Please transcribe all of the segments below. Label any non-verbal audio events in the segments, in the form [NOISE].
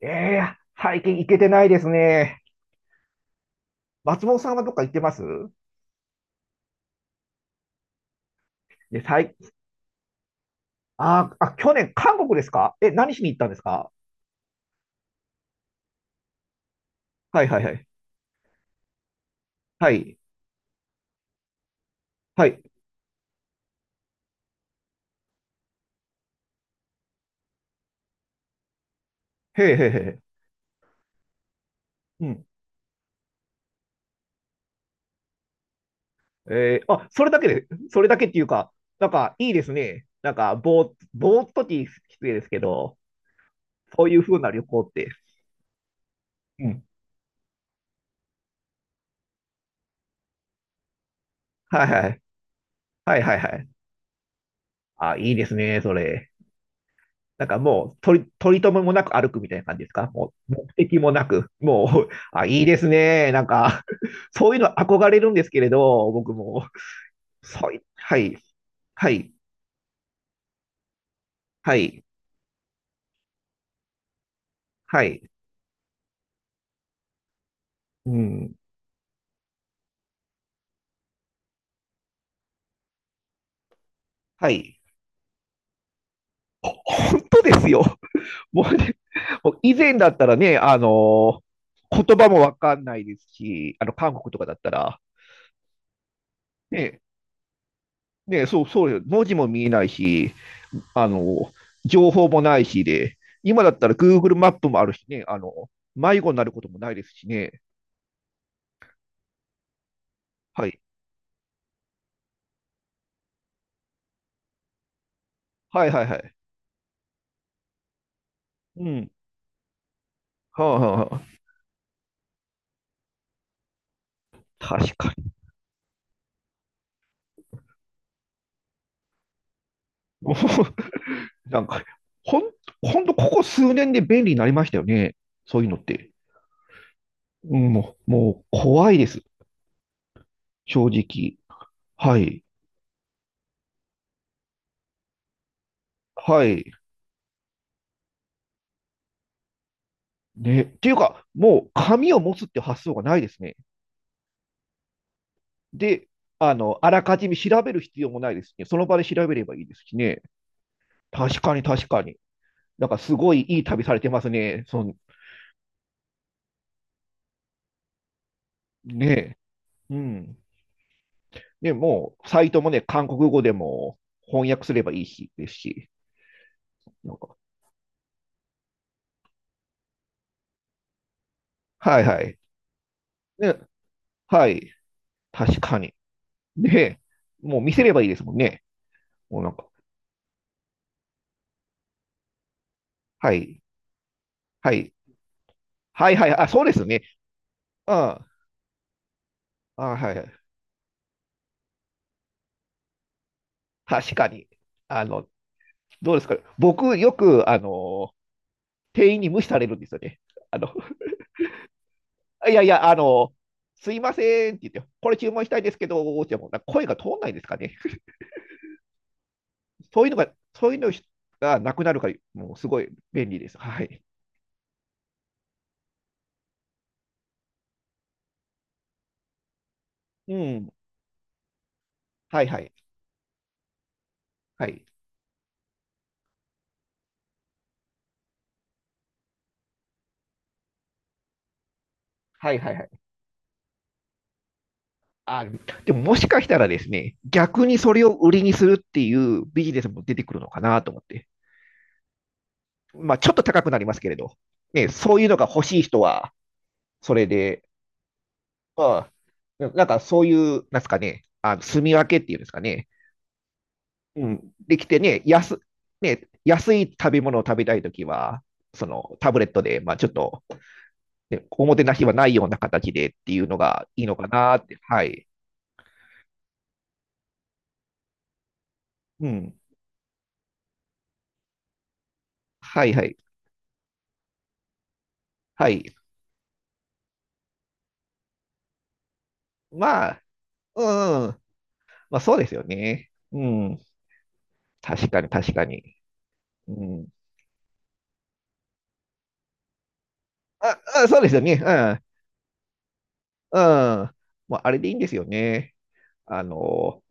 ええー最近行けてないですね。松本さんはどっか行ってます？で、最、あー、あ、去年、韓国ですか？何しに行ったんですか？はいはいはい。はい。はい。へえへえへえ。うん。あ、それだけっていうか、なんかいいですね。なんか、ぼーっときき失礼ですけど、そういう風な旅行って。うん。はいはい。はいはいはい。あ、いいですね、それ。なんかもう、取り留めもなく歩くみたいな感じですか？もう、目的もなく、もう、[LAUGHS] あ、いいですね。なんか、[LAUGHS] そういうの憧れるんですけれど、僕も。そうい、はい、はい、はい、はい、うん、はい。本当ですよ。[LAUGHS] もうね、もう以前だったらね、言葉もわかんないですし、韓国とかだったら、ね、ね、そう、そうよ。文字も見えないし、あの、情報もないしで、今だったら Google マップもあるしね、迷子になることもないですしね。はい。はいはいはい。うん。はあはあはあ。確かに。[LAUGHS] もうなんか、ほん、ほんとここ数年で便利になりましたよね。そういうのって。うん、もう怖いです。正直。はい。はい。ね。っていうか、もう紙を持つって発想がないですね。で、あらかじめ調べる必要もないですね。その場で調べればいいですしね。確かに確かに。なんかすごいいい旅されてますね。ねえ。うん。ね、もう、サイトもね、韓国語でも翻訳すればいいし、ですし。なんか、はいはい。ね、はい。確かに。ねえ。もう見せればいいですもんね。もうなんか、はい。はい。はいはい。あ、そうですね。うん。あ、はいはい。確かに。あの、どうですか？僕、よく、店員に無視されるんですよね。あの、[LAUGHS] いやいや、すいませんって言って、これ注文したいですけど、ってもうな声が通んないですかね。そういうのがなくなるから、もうすごい便利です。はい。うん。はいはい。はい。はいはいはい。あ、でももしかしたらですね、逆にそれを売りにするっていうビジネスも出てくるのかなと思って。まあ、ちょっと高くなりますけれど、ね、そういうのが欲しい人は、それで、まあ、なんかそういう、なんですかね、住み分けっていうんですかね、うん、できてね、安い食べ物を食べたいときは、そのタブレットで、まあ、ちょっと、ね、おもてなしはないような形でっていうのがいいのかなって、はい。うん。はいはい。はい。まあ、うん、まあ、そうですよね。うん。確かに、確かに。うん。あ、あ、そうですよね。うん。うん。まあ、あれでいいんですよね。あの、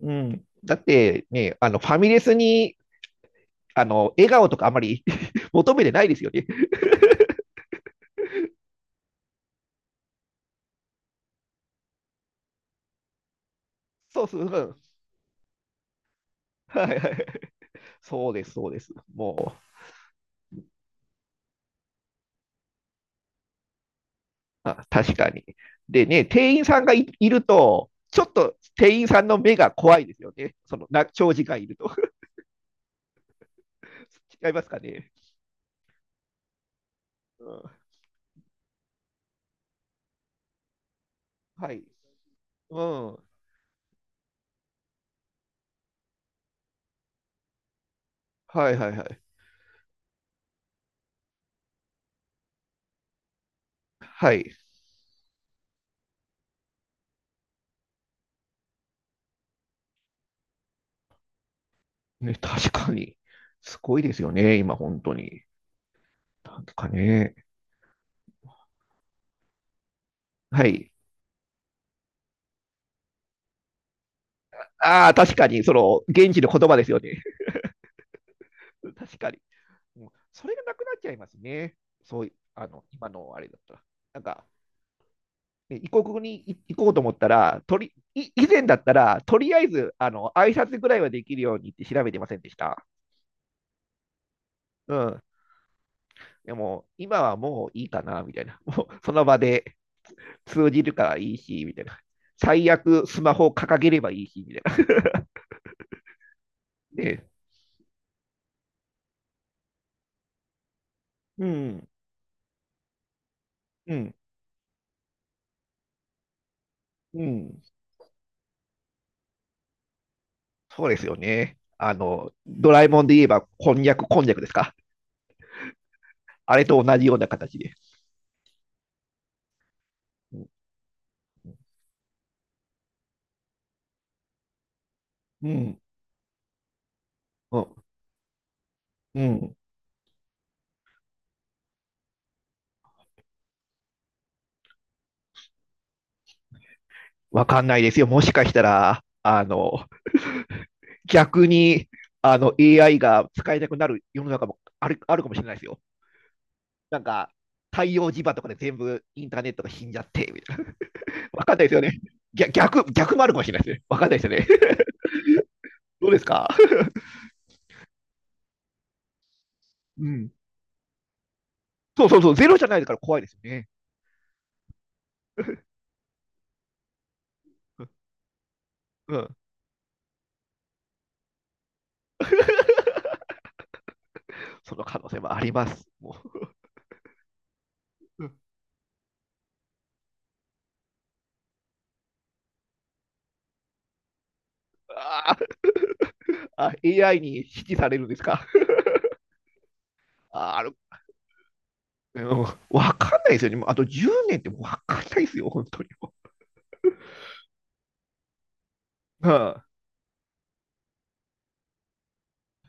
うん。だってね、ファミレスに、笑顔とかあまり [LAUGHS] 求めてないですよね。そうそう、うん。はいはい。そうです、そうです。もう、あ、確かに。でね、店員さんがいると、ちょっと店員さんの目が怖いですよね。長時間いると。[LAUGHS] 違いますかね。うん。はい。うん。はいはいはい。はい。ね、確かに。すごいですよね、今、本当に。なんとかね。はい。ああ、確かに、現地の言葉ですよね。[LAUGHS] 確かに。うん。それがなくなっちゃいますね。そういあの、今のあれだったら。なんか、で異国に行こうと思ったら、とりい以前だったら、とりあえず挨拶ぐらいはできるようにって調べてませんでした。うん。でも、今はもういいかな、みたいな。[LAUGHS] もうその場で通じるからいいし、みたいな。最悪、スマホを掲げればいいし、みたいな。[LAUGHS] で、うん、うん、うん、そうですよね。ドラえもんで言えば、こんにゃくですか？あれと同じような形で。うん、うん、うん、わかんないですよ。もしかしたら、逆にAI が使えなくなる世の中もあるかもしれないですよ。なんか、太陽磁場とかで全部インターネットが死んじゃって、みたいな。わかんないですよね。逆もあるかもしれないですね。わかんないですよね。どうですか？うん。そうそうそう、ゼロじゃないから怖いですよね。[LAUGHS] うん。[LAUGHS] その可能性もあります。もう、うん、ああ、エーあ AI に支持されるんですか？ああ、る、うん、わかんないですよね。もうあと10年ってわかんないですよ、本当に。うん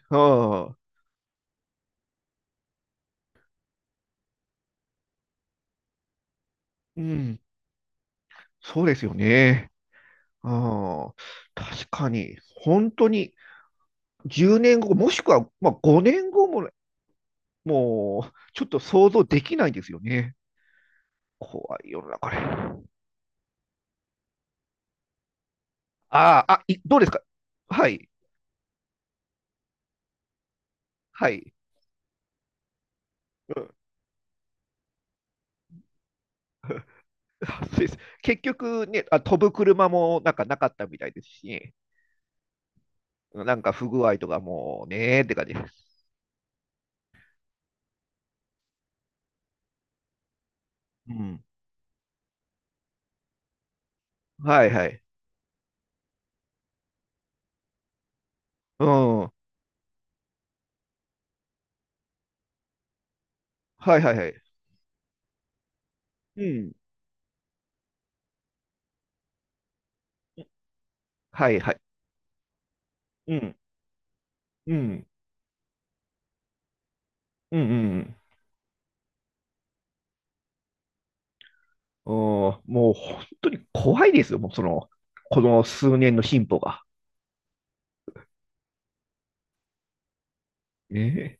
うん。うん。そうですよね。ああ、確かに、本当に10年後、もしくは、まあ、5年後もね、もう、ちょっと想像できないんですよね。怖い世の中で。ああ、どうですか？はい、はい。うん、[LAUGHS] そうです。結局ね、あ、飛ぶ車もなんかなかったみたいですしね、なんか不具合とかもうねーって感じです。うん。はいはい。うん。はいはいはい。うん。はいはい。うん。うん。うんうんうん。うん、もう本当に怖いですよ、もうこの数年の進歩が。ええ